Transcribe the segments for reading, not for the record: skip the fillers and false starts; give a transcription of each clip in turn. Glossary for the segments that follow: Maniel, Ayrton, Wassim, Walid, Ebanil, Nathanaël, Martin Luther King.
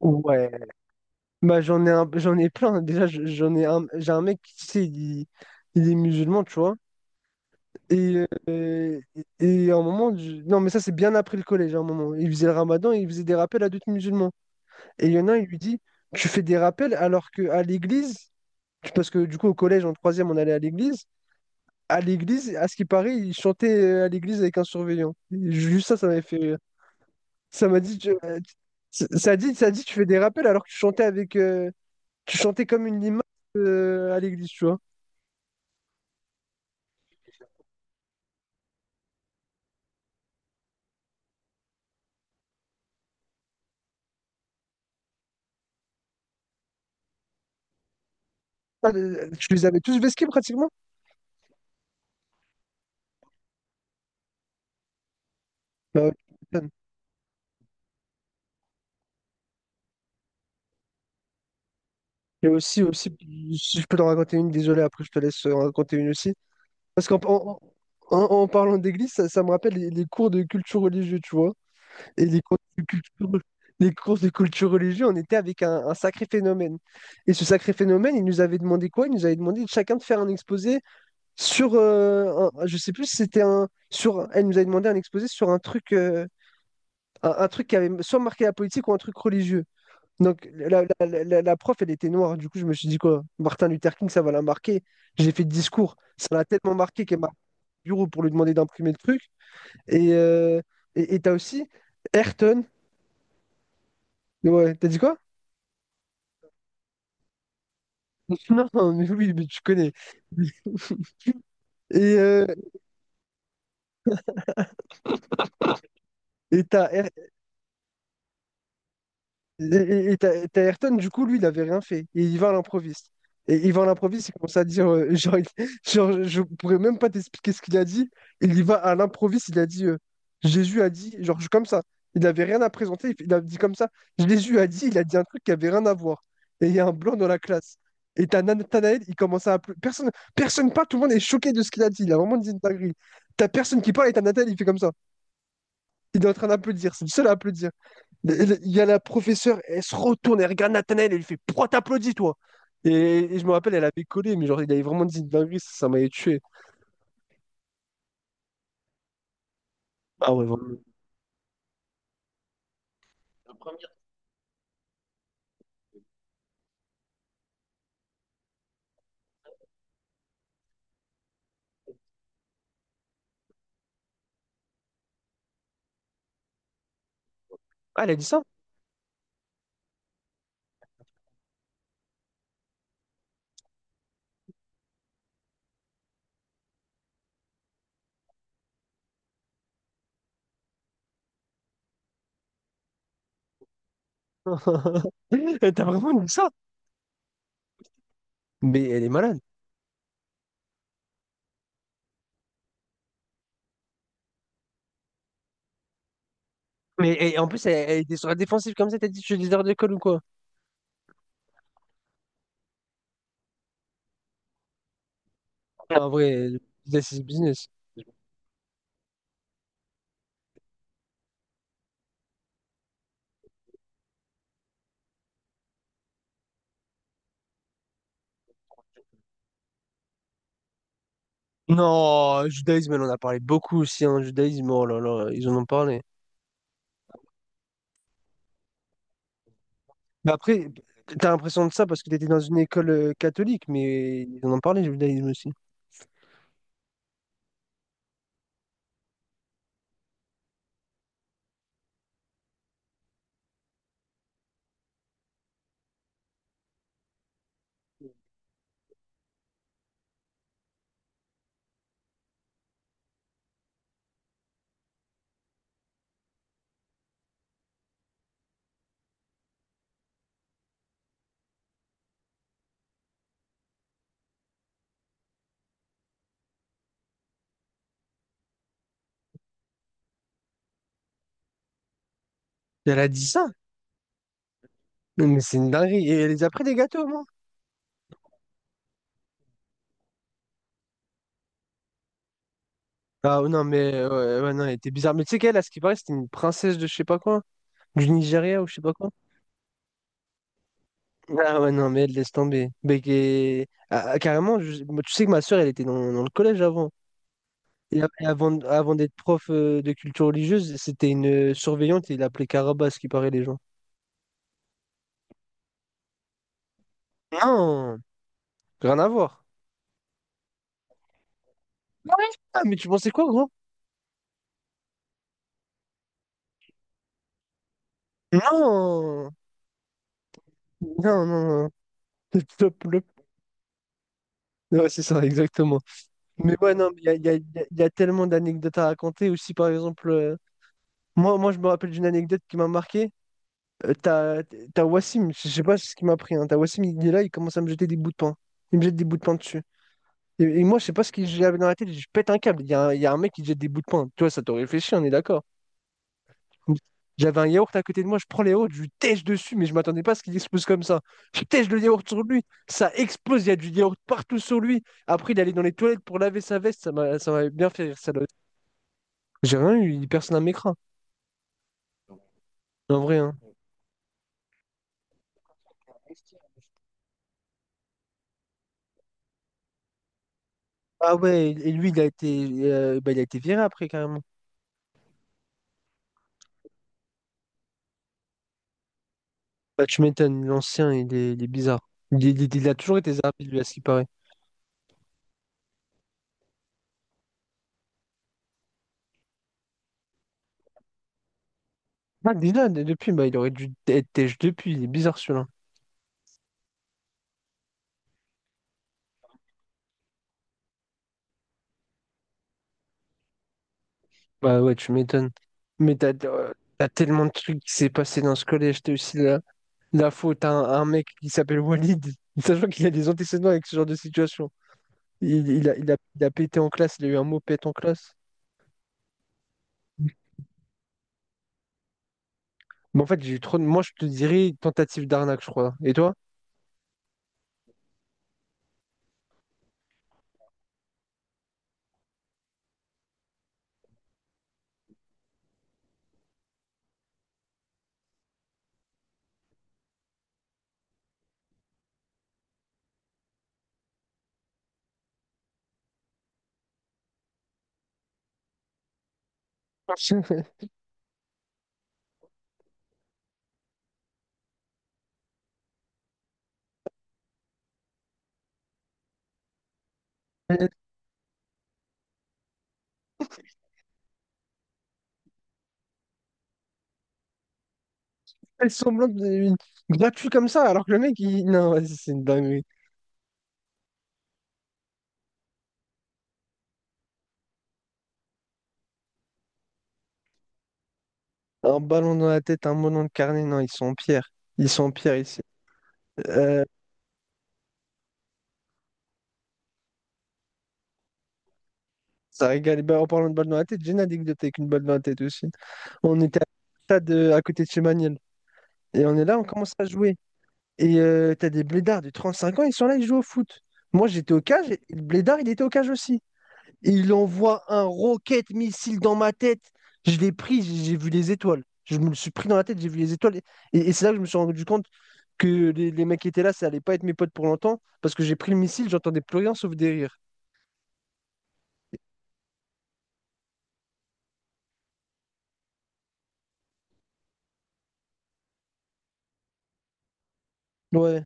Ouais, bah j'en ai un, j'en ai plein. Déjà, j'en ai un, j'ai un mec qui, tu sais, il est musulman, tu vois. Et, euh, et à un moment, non, mais ça, c'est bien après le collège, à un moment. Il faisait le ramadan et il faisait des rappels à d'autres musulmans. Et il y en a un, il lui dit, tu fais des rappels alors que à l'église, parce que du coup, au collège, en troisième, on allait à l'église. À l'église, à ce qui paraît, il chantait à l'église avec un surveillant. Juste ça, ça m'avait fait rire. Ça m'a dit, ça dit, tu fais des rappels alors que tu chantais avec, tu chantais comme une limace à l'église, tu vois. Ah, tu les avais tous vesqués pratiquement? Bah, ouais, tu m'étonnes. Et aussi, si je peux t'en raconter une, désolé, après je te laisse raconter une aussi. Parce qu'en en, en- en parlant d'église, ça me rappelle les cours de culture religieuse, tu vois. Et les cours de culture, les cours de culture religieuse, on était avec un sacré phénomène. Et ce sacré phénomène, il nous avait demandé quoi? Il nous avait demandé chacun de faire un exposé sur, je sais plus si c'était un, sur, elle nous avait demandé un exposé sur un truc. un truc qui avait soit marqué la politique ou un truc religieux. Donc la prof, elle était noire. Du coup, je me suis dit quoi, Martin Luther King, ça va la marquer. J'ai fait le discours. Ça l'a tellement marqué qu'elle m'a appelé au bureau pour lui demander d'imprimer le truc. Et euh, et t'as aussi Ayrton. Ouais, t'as dit quoi? Non, mais oui, mais tu connais. Et euh, et t'as Et Ayrton, du coup, lui, il avait rien fait. Et il va à l'improviste. Et il va à l'improviste, il commence à dire, genre, genre, je pourrais même pas t'expliquer ce qu'il a dit. Il y va à l'improviste, il a dit, Jésus a dit, genre, comme ça. Il n'avait rien à présenter, il a dit comme ça. Jésus a dit, il a dit un truc qui avait rien à voir. Et il y a un blanc dans la classe. Et t'as Nathanaël, il commence à applaudir. Personne parle, tout le monde est choqué de ce qu'il a dit. Il a vraiment dit une dinguerie. T'as personne qui parle et t'as Nathanaël, il fait comme ça. Il est en train d'applaudir, c'est le seul à applaudir. Il y a la professeure, elle se retourne, elle regarde Nathanaël, elle lui fait pourquoi t'applaudis, toi? Et, et je me rappelle, elle avait collé, mais genre, il avait vraiment dit une dinguerie, ça m'avait tué. Ah, elle a dit ça? Elle t'a vraiment dit ça? Mais elle est malade. Mais et en plus, elle était sur la défensive comme ça, t'as dit, tu es leader d'école ou quoi? Ah, en vrai, Judas is business. Non, judaïsme, elle en a parlé beaucoup aussi, hein, judaïsme, oh là là, ils en ont parlé. Mais après, t'as l'impression de ça parce que t'étais dans une école catholique, mais ils en ont parlé, judaïsme aussi. Elle a dit ça? Non, mais c'est une dinguerie. Et elle les a pris des gâteaux, moi. Ah non, mais ouais, ouais, non, elle était bizarre. Mais tu sais qu'elle, à ce qui paraît, c'était une princesse de je sais pas quoi, du Nigeria ou je sais pas quoi. Ah ouais, non, mais elle laisse tomber. Mais ah, carrément, moi, tu sais que ma soeur, elle était dans le collège avant. Et avant, d'être prof de culture religieuse, c'était une surveillante et il l'appelait Caraba, à ce qui paraît, les gens. Non, rien à voir. Ah ouais. Ah, mais tu pensais quoi, gros? Non, non, non, non. Top, top. Ouais, c'est ça, exactement. Mais ouais, non, mais il y a, il y a- il y a- il y a tellement d'anecdotes à raconter. Aussi, par exemple, moi, je me rappelle d'une anecdote qui m'a marqué. Euh, t'as, t'as Wassim, je sais pas ce qui m'a pris. Hein. T'as Wassim, il est là, il commence à me jeter des bouts de pain. Il me jette des bouts de pain dessus. Et moi, je sais pas ce que j'avais dans la tête. Je pète un câble. Il y a un mec qui jette des bouts de pain. Tu vois, ça t'aurait réfléchi, on est d'accord. J'avais un yaourt à côté de moi, je prends les yaourts, je lui tèche dessus, mais je m'attendais pas à ce qu'il explose comme ça. Je tèche le yaourt sur lui, ça explose, il y a du yaourt partout sur lui. Après, il allait dans les toilettes pour laver sa veste, ça m'avait bien fait rire, ça. J'ai rien eu, personne ne m'écran, en vrai. Hein. Ah ouais, et lui, bah, il a été viré après, carrément. Bah, tu m'étonnes, l'ancien, il est bizarre. Il a toujours été zarbi, lui, à ce qui paraît. Ah, déjà, depuis, bah, il aurait dû être têche depuis, il est bizarre, celui-là. Bah ouais, tu m'étonnes. Mais t'as tellement de trucs qui s'est passé dans ce collège. T'as aussi la faute à un mec qui s'appelle Walid, sachant qu'il a des antécédents avec ce genre de situation. Il a pété en classe, il a eu un mot pète en classe. Mais en fait, j'ai eu trop de... Moi, je te dirais tentative d'arnaque, je crois. Et toi? Elle semblante gratuit comme ça, alors que le mec, il... Non, vas-y, c'est une dinguerie. Un ballon dans la tête, un mot dans le carnet, non, ils sont en pierre. Ils sont en pierre ici. Euh, ça régale. Ben, en parlant de balle dans la tête, j'ai une anecdote avec une balle dans la tête aussi. On était à, stade, à côté de chez Maniel. Et on est là, on commence à jouer. T'as des blédards de 35 ans, ils sont là, ils jouent au foot. Moi, j'étais au cage, et le blédard, il était au cage aussi. Il envoie un rocket missile dans ma tête. Je l'ai pris, j'ai vu les étoiles. Je me le suis pris dans la tête, j'ai vu les étoiles. Et c'est là que je me suis rendu compte que les mecs qui étaient là, ça allait pas être mes potes pour longtemps. Parce que j'ai pris le missile, j'entendais plus rien sauf des rires. Ouais.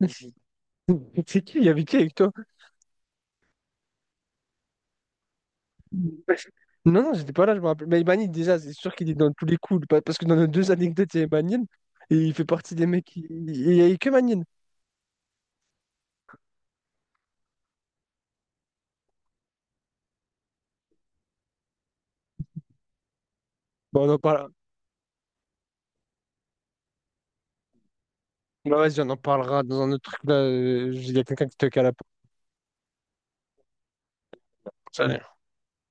C'est qui? Il y avait qui avec toi? Non, non, j'étais pas là, je me rappelle. Mais Ebanil, déjà, c'est sûr qu'il est dans tous les coups. Parce que dans nos deux anecdotes, il y a Ebanil. Et il fait partie des mecs qui. Il n'y avait que Manil. Bon, on en parle... bah, vas-y, on en parlera dans un autre truc là. Il y a quelqu'un qui toque à la porte.